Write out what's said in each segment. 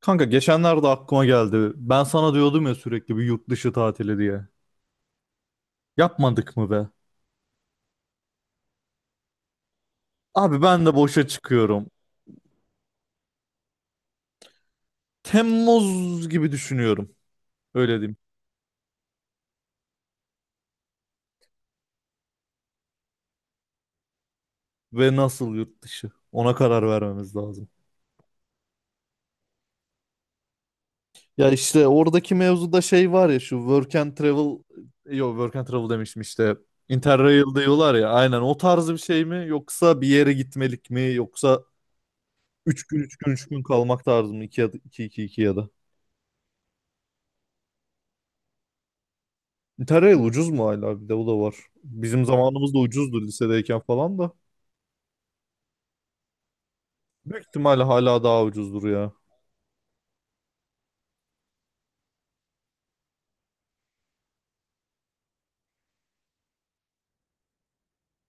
Kanka geçenlerde aklıma geldi. Ben sana diyordum ya, sürekli bir yurt dışı tatili diye. Yapmadık mı be? Abi ben de boşa çıkıyorum. Temmuz gibi düşünüyorum. Öyle diyeyim. Ve nasıl yurt dışı? Ona karar vermemiz lazım. Ya işte oradaki mevzuda şey var ya, şu work and travel, yok, work and travel demiştim işte. Interrail diyorlar ya, aynen o tarzı bir şey mi, yoksa bir yere gitmelik mi, yoksa 3 gün 3 gün 3 gün kalmak tarzı mı, 2 ya da 2 2 2 ya da... Tereyağlı ucuz mu hala, bir de o da var. Bizim zamanımızda ucuzdu, lisedeyken falan da. Büyük ihtimalle hala daha ucuzdur ya.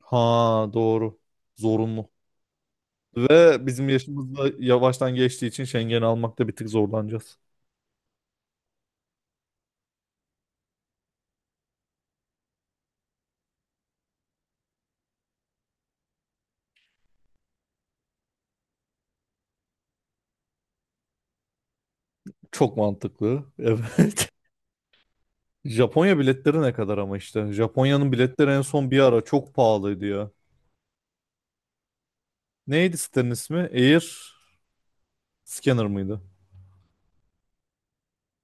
Ha, doğru. Zorunlu. Ve bizim yaşımızda yavaştan geçtiği için Schengen'i almakta bir tık zorlanacağız. Çok mantıklı. Evet. Japonya biletleri ne kadar ama işte. Japonya'nın biletleri en son bir ara çok pahalıydı ya. Neydi sitenin ismi? Air Scanner mıydı?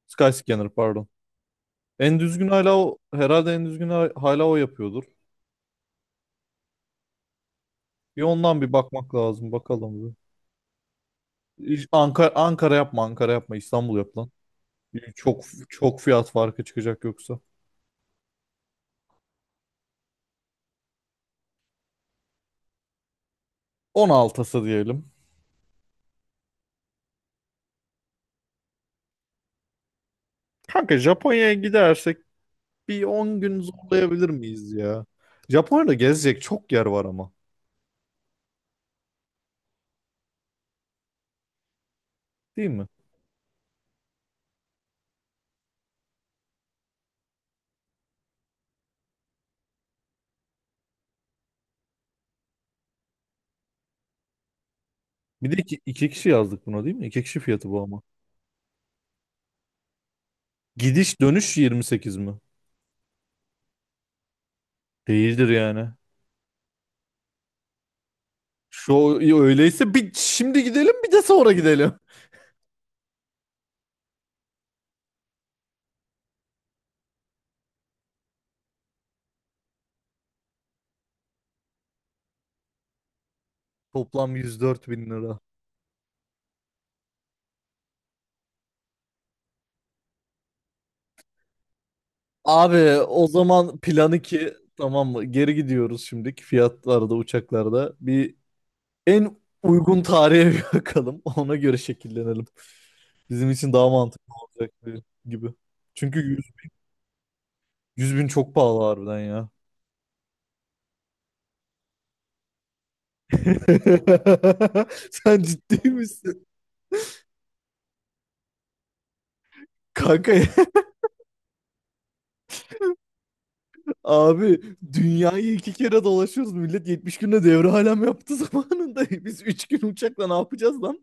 Skyscanner, pardon. En düzgün hala o, herhalde en düzgün hala o yapıyordur. Bir ondan bir bakmak lazım, bakalım bir. Ankara yapma, Ankara yapma, İstanbul yap lan. Çok çok fiyat farkı çıkacak yoksa. 16'sı diyelim. Kanka Japonya'ya gidersek bir 10 gün zorlayabilir miyiz ya? Japonya'da gezecek çok yer var ama. Değil mi? Bir de iki kişi yazdık buna, değil mi? İki kişi fiyatı bu ama. Gidiş dönüş 28 mi? Değildir yani. Şu öyleyse, bir şimdi gidelim, bir de sonra gidelim. Toplam 104 bin lira. Abi o zaman planı ki tamam mı? Geri gidiyoruz şimdiki fiyatlarda, uçaklarda. Bir en uygun tarihe bir bakalım. Ona göre şekillenelim. Bizim için daha mantıklı olacak gibi. Çünkü 100 bin çok pahalı harbiden ya. Sen ciddi misin? Kanka, abi, dünyayı 2 kere dolaşıyoruz. Millet 70 günde devre alem yaptı zamanında. Biz 3 gün uçakla ne yapacağız lan?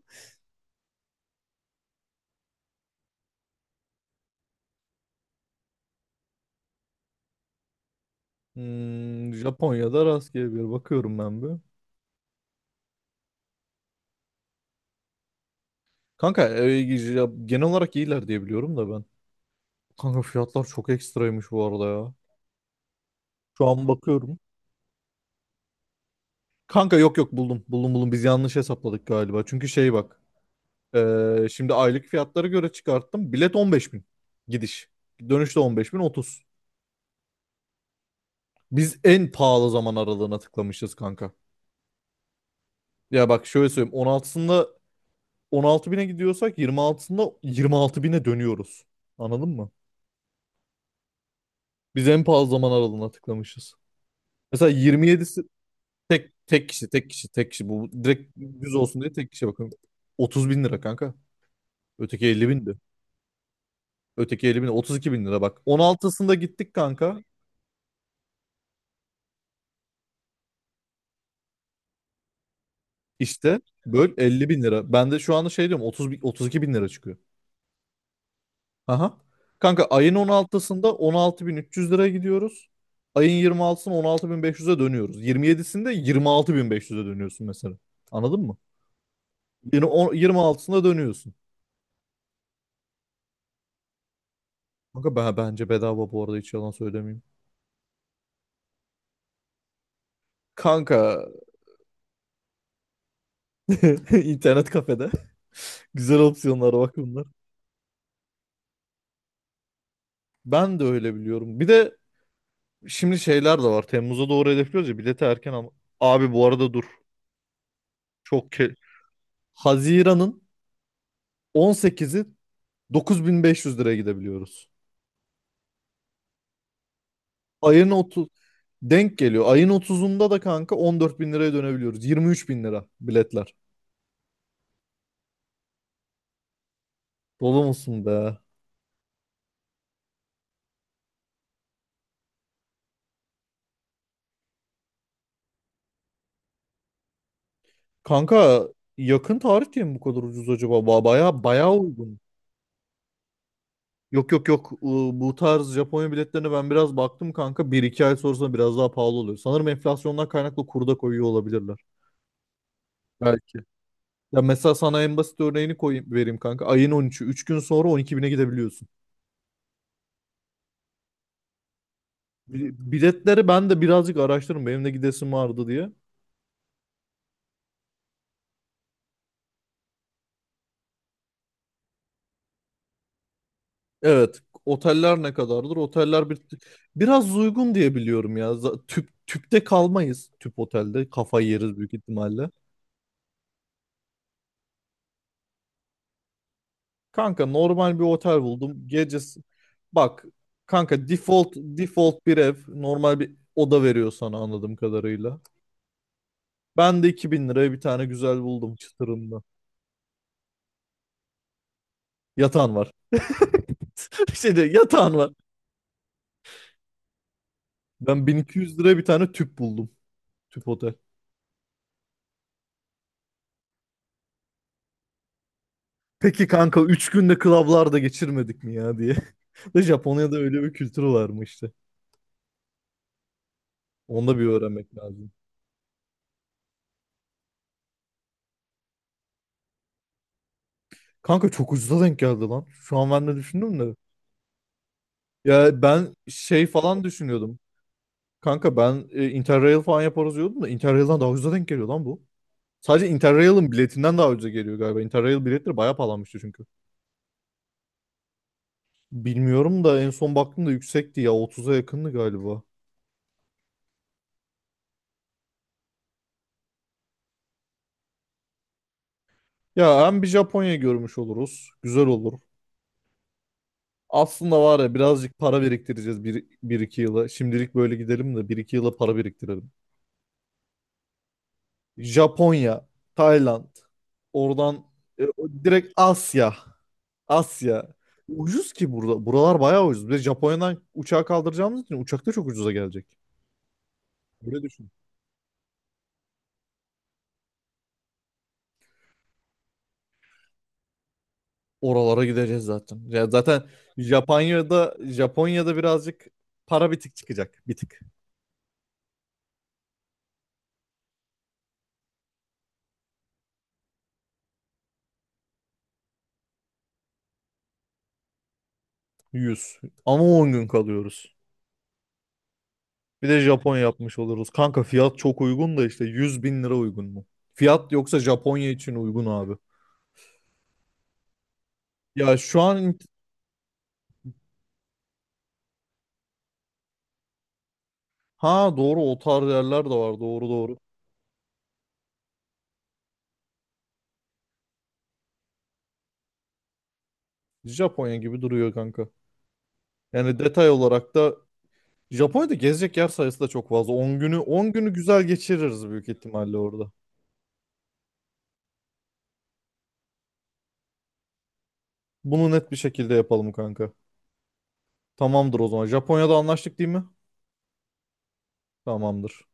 Japonya'da rastgele bir bakıyorum ben bir. Kanka ya genel olarak iyiler diye biliyorum da ben. Kanka fiyatlar çok ekstraymış bu arada ya. Şu an bakıyorum. Kanka, yok yok, buldum. Buldum buldum. Biz yanlış hesapladık galiba. Çünkü şey, bak. Şimdi aylık fiyatlara göre çıkarttım. Bilet 15 bin. Gidiş. Dönüşte 15 bin 30. Biz en pahalı zaman aralığına tıklamışız kanka. Ya bak, şöyle söyleyeyim. 16'sında 16 bine gidiyorsak, 26'sında 26 bine dönüyoruz. Anladın mı? Biz en pahalı zaman aralığına tıklamışız. Mesela 27, tek kişi, bu direkt düz olsun diye tek kişi bakın. 30 bin lira kanka. Öteki 50 bindi. Öteki 50 bin, 32 bin lira bak. 16'sında gittik kanka. İşte böl, 50 bin lira. Ben de şu anda şey diyorum, 30, 32 bin lira çıkıyor. Aha. Kanka ayın 16'sında 16 bin 300 liraya gidiyoruz. Ayın 26'sında 16 bin 500'e dönüyoruz. 27'sinde 26 bin 500'e dönüyorsun mesela. Anladın mı? Yine 26'sında dönüyorsun. Kanka, bence bedava bu arada, hiç yalan söylemeyeyim. Kanka İnternet kafede. Güzel opsiyonlar bak bunlar. Ben de öyle biliyorum. Bir de şimdi şeyler de var. Temmuz'a doğru hedefliyoruz ya bileti, erken ama. Abi bu arada dur. Çok ke... Haziran'ın 18'i 9.500 liraya gidebiliyoruz. Ayın 30 denk geliyor. Ayın 30'unda da kanka 14 bin liraya dönebiliyoruz. 23 bin lira biletler. Dolu musun be? Kanka yakın tarih diye mi bu kadar ucuz acaba? Baya baya uygun. Yok yok yok, bu tarz Japonya biletlerine ben biraz baktım kanka. Bir iki ay sonrasında biraz daha pahalı oluyor. Sanırım enflasyondan kaynaklı kurda koyuyor olabilirler. Belki. Ya mesela sana en basit örneğini koyayım, vereyim kanka. Ayın 13'ü, 3 gün sonra 12 bine gidebiliyorsun. Biletleri ben de birazcık araştırdım. Benim de gidesim vardı diye. Evet. Oteller ne kadardır? Oteller, bir, biraz uygun diye biliyorum ya. Tüpte kalmayız. Tüp otelde. Kafayı yeriz büyük ihtimalle. Kanka normal bir otel buldum. Gecesi bak kanka, default bir ev, normal bir oda veriyor sana anladığım kadarıyla. Ben de 2 bin liraya bir tane güzel buldum çıtırında. Yatağın var. Şey diyor, yatağın var. Ben 1.200 liraya bir tane tüp buldum. Tüp otel. Peki kanka, 3 günde klablarda geçirmedik mi ya diye. De Japonya'da öyle bir kültürü var mı işte. Onu da bir öğrenmek lazım. Kanka çok ucuza denk geldi lan. Şu an ben de düşündüm de. Ya ben şey falan düşünüyordum. Kanka ben Interrail falan yaparız diyordum da, Interrail'den daha ucuza denk geliyor lan bu. Sadece Interrail'in biletinden daha ucuza geliyor galiba. Interrail biletleri bayağı pahalanmıştı çünkü. Bilmiyorum da en son baktığımda yüksekti ya, 30'a yakındı galiba. Ya hem bir Japonya görmüş oluruz. Güzel olur. Aslında var ya, birazcık para biriktireceğiz bir iki yıla. Şimdilik böyle gidelim de bir iki yıla para biriktirelim. Japonya, Tayland, oradan direkt Asya. Asya. Ucuz ki burada. Buralar bayağı ucuz. Bir de Japonya'dan uçağa kaldıracağımız için uçak da çok ucuza gelecek. Öyle düşün. Oralara gideceğiz zaten. Ya zaten Japonya'da birazcık para bir tık çıkacak. Bir tık. 100. Ama 10 gün kalıyoruz. Bir de Japon yapmış oluruz. Kanka fiyat çok uygun da işte, 100 bin lira uygun mu? Fiyat yoksa Japonya için uygun abi. Ya şu an, ha doğru, o tarz yerler de var, doğru doğru. Japonya gibi duruyor kanka. Yani detay olarak da Japonya'da gezecek yer sayısı da çok fazla. 10 günü 10 günü güzel geçiririz büyük ihtimalle orada. Bunu net bir şekilde yapalım kanka. Tamamdır o zaman. Japonya'da anlaştık değil mi? Tamamdır.